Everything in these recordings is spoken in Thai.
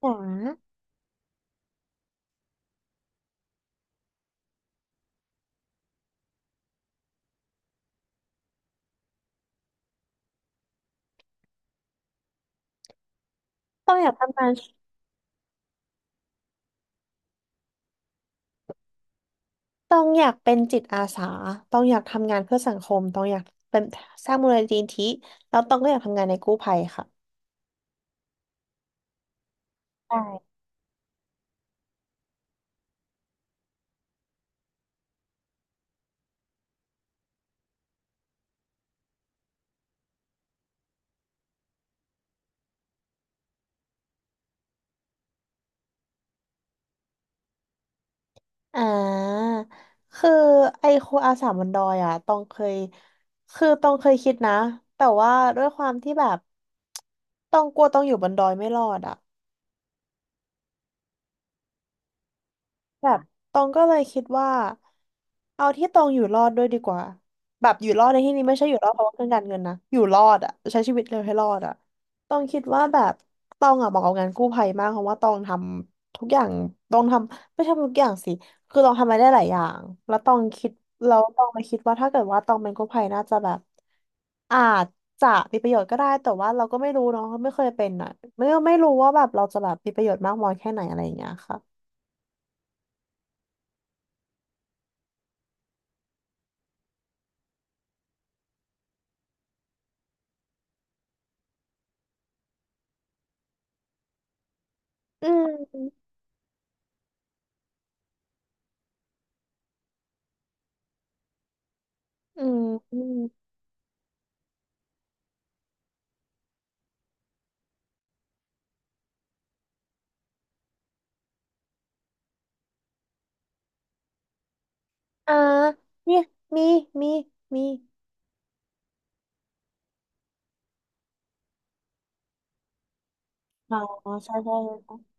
หวังต้องอยากทำงานต้องอยากเป็นจิตอาสาต้องอยากทำงานเพื่อสังคมต้องอยากเป็นสร้างมูลนิธิแล้วต้องก็อยากทำงานในกู้ภัยค่ะใช่อ่าคือไอ้ครูอาสาบนดอยอ่ะต้องเคยต้องเคยคิดนะแต่ว่าด้วยความที่แบบต้องกลัวต้องอยู่บนดอยไม่รอดอ่ะ แบบตองก็เลยคิดว่าเอาที่ตองอยู่รอดด้วยดีกว่าแบบอยู่รอดในที่นี้ไม่ใช่อยู่รอดเพราะว่าเรื่องการเงินนะอยู่รอดอะใช้ชีวิตเร็วให้รอดอะตองคิดว่าแบบตองอะเหมาะกับงานกู้ภัยมากเพราะว่าตองทำทุกอย่างตองทำไม่ใช่ทุกอย่างสิคือตองทำอะไรได้หลายอย่างแล้วตองคิดแล้วตองมาคิดว่าถ้าเกิดว่าตองเป็นกู้ภัยน่าจะแบบอาจจะมีประโยชน์ก็ได้แต่ว่าเราก็ไม่รู้เนาะไม่เคยเป็นอะไม่รู้ว่าแบบเราจะแบบมีประโยชน์มากน้อยแค่ไหนอะไรอย่างเงี้ยค่ะอืม อืมอืมอ่าเนี่ยมีมีมีอ๋อใช่ใช่ใช่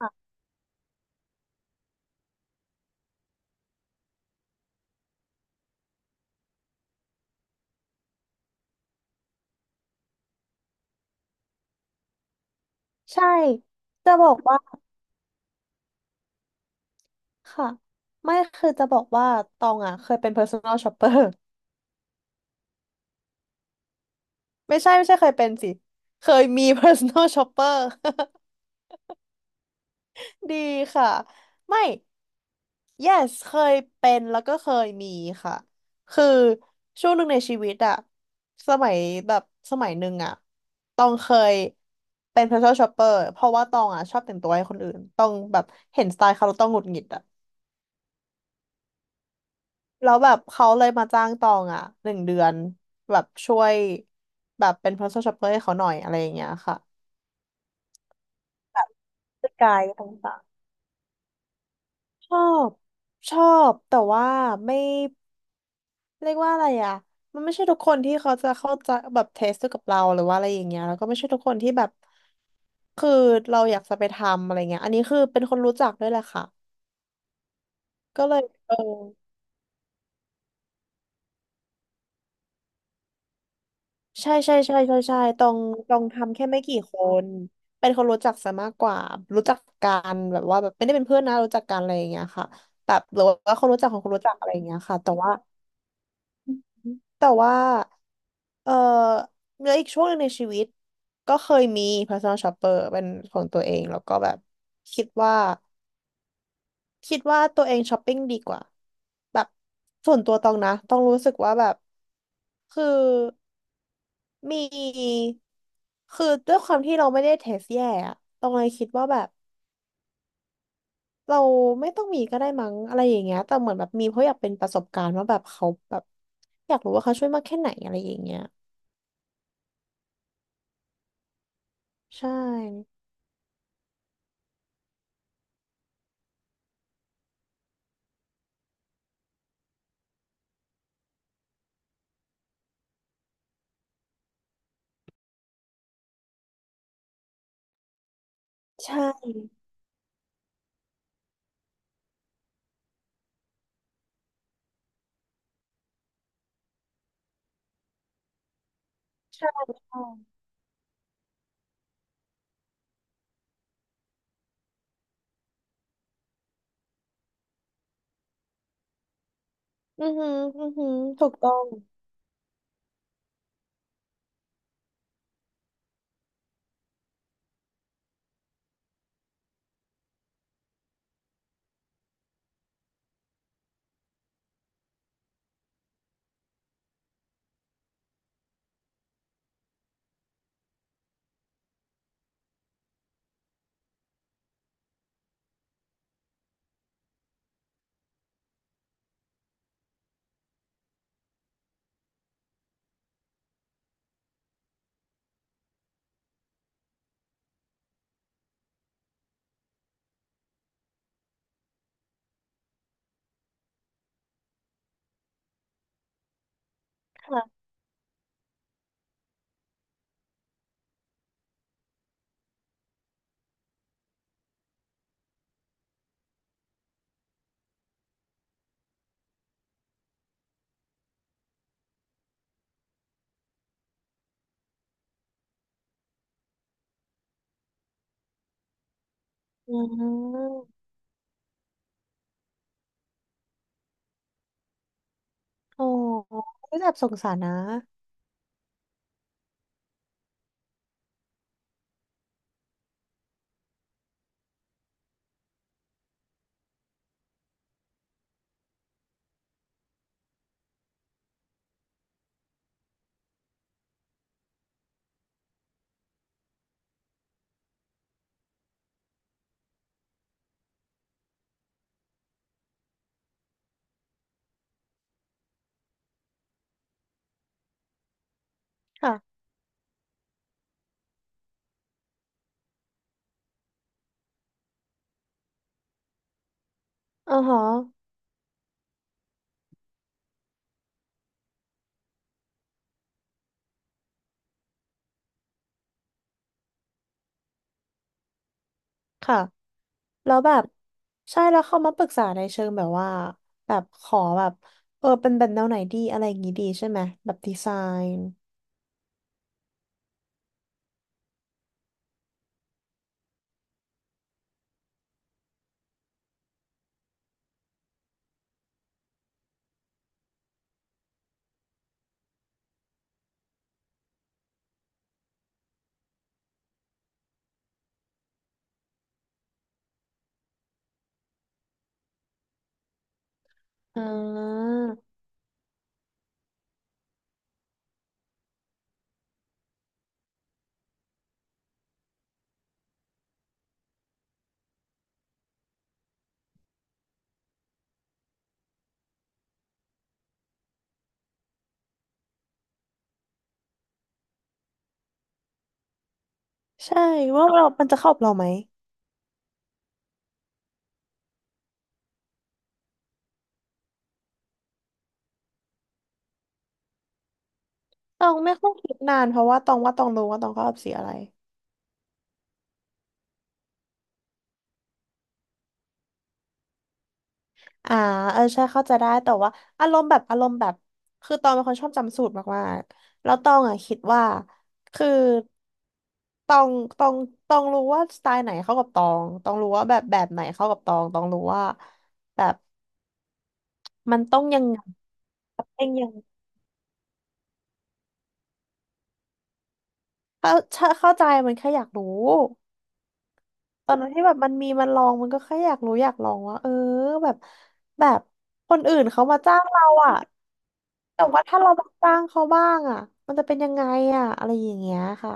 ค่ะใช่จะบอกว่าค่ะไม่คือจะบอกว่าตองอ่ะเคยเป็น personal shopper ไม่ใช่เคยเป็นสิเคยมี personal shopper ดีค่ะไม่ yes เคยเป็นแล้วก็เคยมีค่ะ คือช่วงหนึ่งในชีวิตอะสมัยแบบสมัยหนึ่งอะตองเคยเป็น personal shopper เพราะว่าตองอะชอบแต่งตัวให้คนอื่นตองแบบเห็นสไตล์เขาแล้วต้องหงุดหงิดอะแล้วแบบเขาเลยมาจ้างตองอะหนึ่งเดือนแบบช่วยแบบเป็น personal shopper ให้เขาหน่อยอะไรอย่างเงี้ยค่ะสกายต่างๆบชอบแต่ว่าไม่ เรียกว่าอะไรอ่ะมันไม่ใช่ทุกคนที่เขาจะเข้าใจแบบเทสกับเราหรือว่าอะไรอย่างเงี้ยแล้วก็ไม่ใช่ทุกคนที่แบบคือเราอยากจะไปทำอะไรเงี้ยอันนี้คือเป็นคนรู้จักด้วยแหละค่ะก็เลยเออใช่ใช่ใช่ใช่ใช่ตรงทำแค่ไม่กี่คนเป็นคนรู้จักซะมากกว่ารู้จักกันแบบว่าแบบไม่ได้เป็นเพื่อนนะรู้จักกันอะไรอย่างเงี้ยค่ะแบบหรือว่าคนรู้จักของคนรู้จักอะไรอย่างเงี้ยค่ะแต่ว่า แต่ว่าเออแล้วอีกช่วงหนึ่งในชีวิตก็เคยมี personal shopper เป็นของตัวเองแล้วก็แบบคิดว่าคิดว่าตัวเองช้อปปิ้งดีกว่าแบบส่วนตัวตองนะต้องรู้สึกว่าแบบคือมีคือด้วยความที่เราไม่ได้เทสแย่อะตองเลยคิดว่าแบบเราไม่ต้องมีก็ได้มั้งอะไรอย่างเงี้ยแต่เหมือนแบบมีเพราะอยากเป็นประสบการณ์ว่าแบบเขาแบบอยากรู้ว่าเขาช่วยมากแค่ไหนอะไรอย่างเงี้ย ใช่ ใช่ ใช่ใช่อือหืออือหือถูกต้อง ค่ะอืมอ๋อไม่แบบสงสารนะค่ะอือฮะค่ะแล้วแบบใช่แล้วเขามาปรึกษาในเชิงแบบว่าแบบขอแบบเออเป็นแบบแนวไหนดีอะไรอย่างงี้ดีใช่ไหมแบบดีไซน์อ่าใช่ว่าเรามันจะเข้ากับเราไหมตอง ไม่ค่อยคิดนาน เพราะว่าตองว่าตองรู้ว่าตองเข้ากอบสีอะไร อ่าเออใช่เข้าใจได้แต่ว่าอารมณ์แบบคือตองเป็นคนชอบจำสูตรมากๆแล้วตองอ่ะคิดว่าคือตองตองตองรู้ว่าสไตล์ไหนเข้ากับตองตองรู้ว่าแบบแบบไหนเข้ากับตองตองรู้ว่าแบบมันต้องยังไงยังยังเข้าใจมันแค่อยากรู้ตอนนั้นที่แบบมันมีมันลองมันก็แค่อยากรู้อยากลองว่าเออแบบแบบคนอื่นเขามาจ้างเราอ่ะ แต่ว่าถ้าเรามาจ้างเขาบ้างอ่ะมันจะเป็นยังไงอ่ะอะไรอย่างเงี้ยค่ะ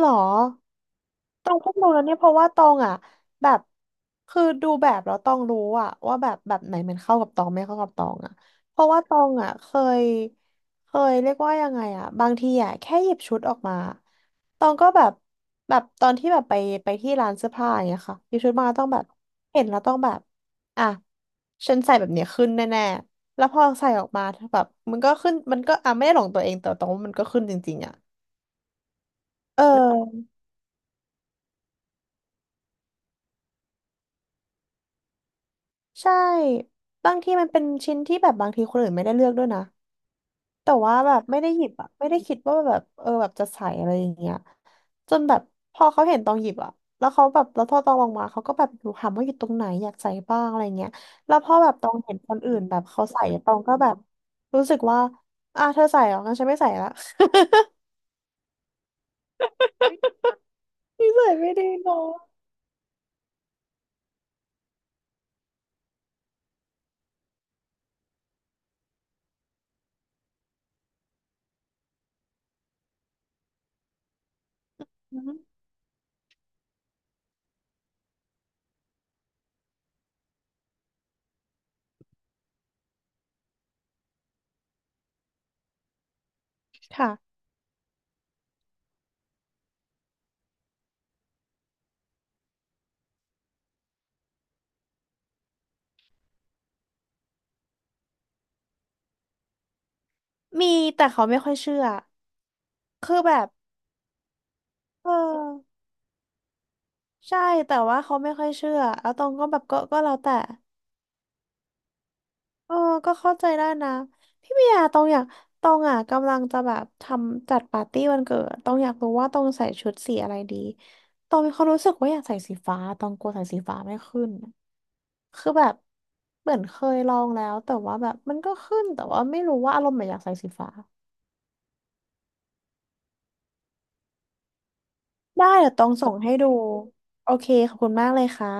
หรอตองเพิ่งรู้นะเนี่ยเพราะว่าตองอ่ะแบบคือดูแบบแล้วตองรู้อ่ะว่าแบบแบบไหนมันเข้ากับตองไม่เข้ากับตองอ่ะเพราะว่าตองอ่ะเคยเรียกว่ายังไงอ่ะบางทีอ่ะแค่หยิบชุดออกมาตองก็แบบแบบตอนที่แบบไปที่ร้านเสื้อผ้าอย่างเงี้ยค่ะหยิบชุดมาต้องแบบเห็นแล้วต้องแบบอ่ะฉันใส่แบบเนี้ยขึ้นแน่ๆแล้วพอใส่ออกมาแบบมันก็ขึ้นมันก็อ่ะไม่ได้หลงตัวเองแต่ตองว่ามันก็ขึ้นจริงๆอ่ะเออ ใช่บางทีมันเป็นชิ้นที่แบบบางทีคนอื่นไม่ได้เลือกด้วยนะแต่ว่าแบบไม่ได้หยิบอะไม่ได้คิดว่าแบบเออแบบจะใส่อะไรอย่างเงี้ยจนแบบพอเขาเห็นตองหยิบอะแล้วเขาแบบแล้วพอตองลงมาเขาก็แบบดูถามว่าอยู่ตรงไหนอยากใส่บ้างอะไรเงี้ยแล้วพอแบบตองเห็นคนอื่นแบบเขาใส่ตองก็แบบรู้สึกว่าอ่ะเธอใส่เหรองั้นฉันไม่ใส่ละ นใส่ไม่ดีเนาะอืมค่ะมีแต่เขาไม่ค่อยเชื่อคือแบบเออ ใช่แต่ว่าเขาไม่ค่อยเชื่อแล้วตองก็แบบก็แล้วแต่เออก็เข้าใจได้นะพี่เบียร์ตองอยากตองอ่ะกำลังจะแบบทำจัดปาร์ตี้วันเกิดตองอยากรู้ว่าตองใส่ชุดสีอะไรดีตองมีความรู้สึกว่าอยากใส่สีฟ้าตองกลัวใส่สีฟ้าไม่ขึ้นคือแบบเหมือนเคยลองแล้วแต่ว่าแบบมันก็ขึ้นแต่ว่าไม่รู้ว่าอารมณ์แบบอยากใส่สีฟ้าได้เดี๋ยวตองส่งให้ดูโอเคขอบคุณมากเลยค่ะ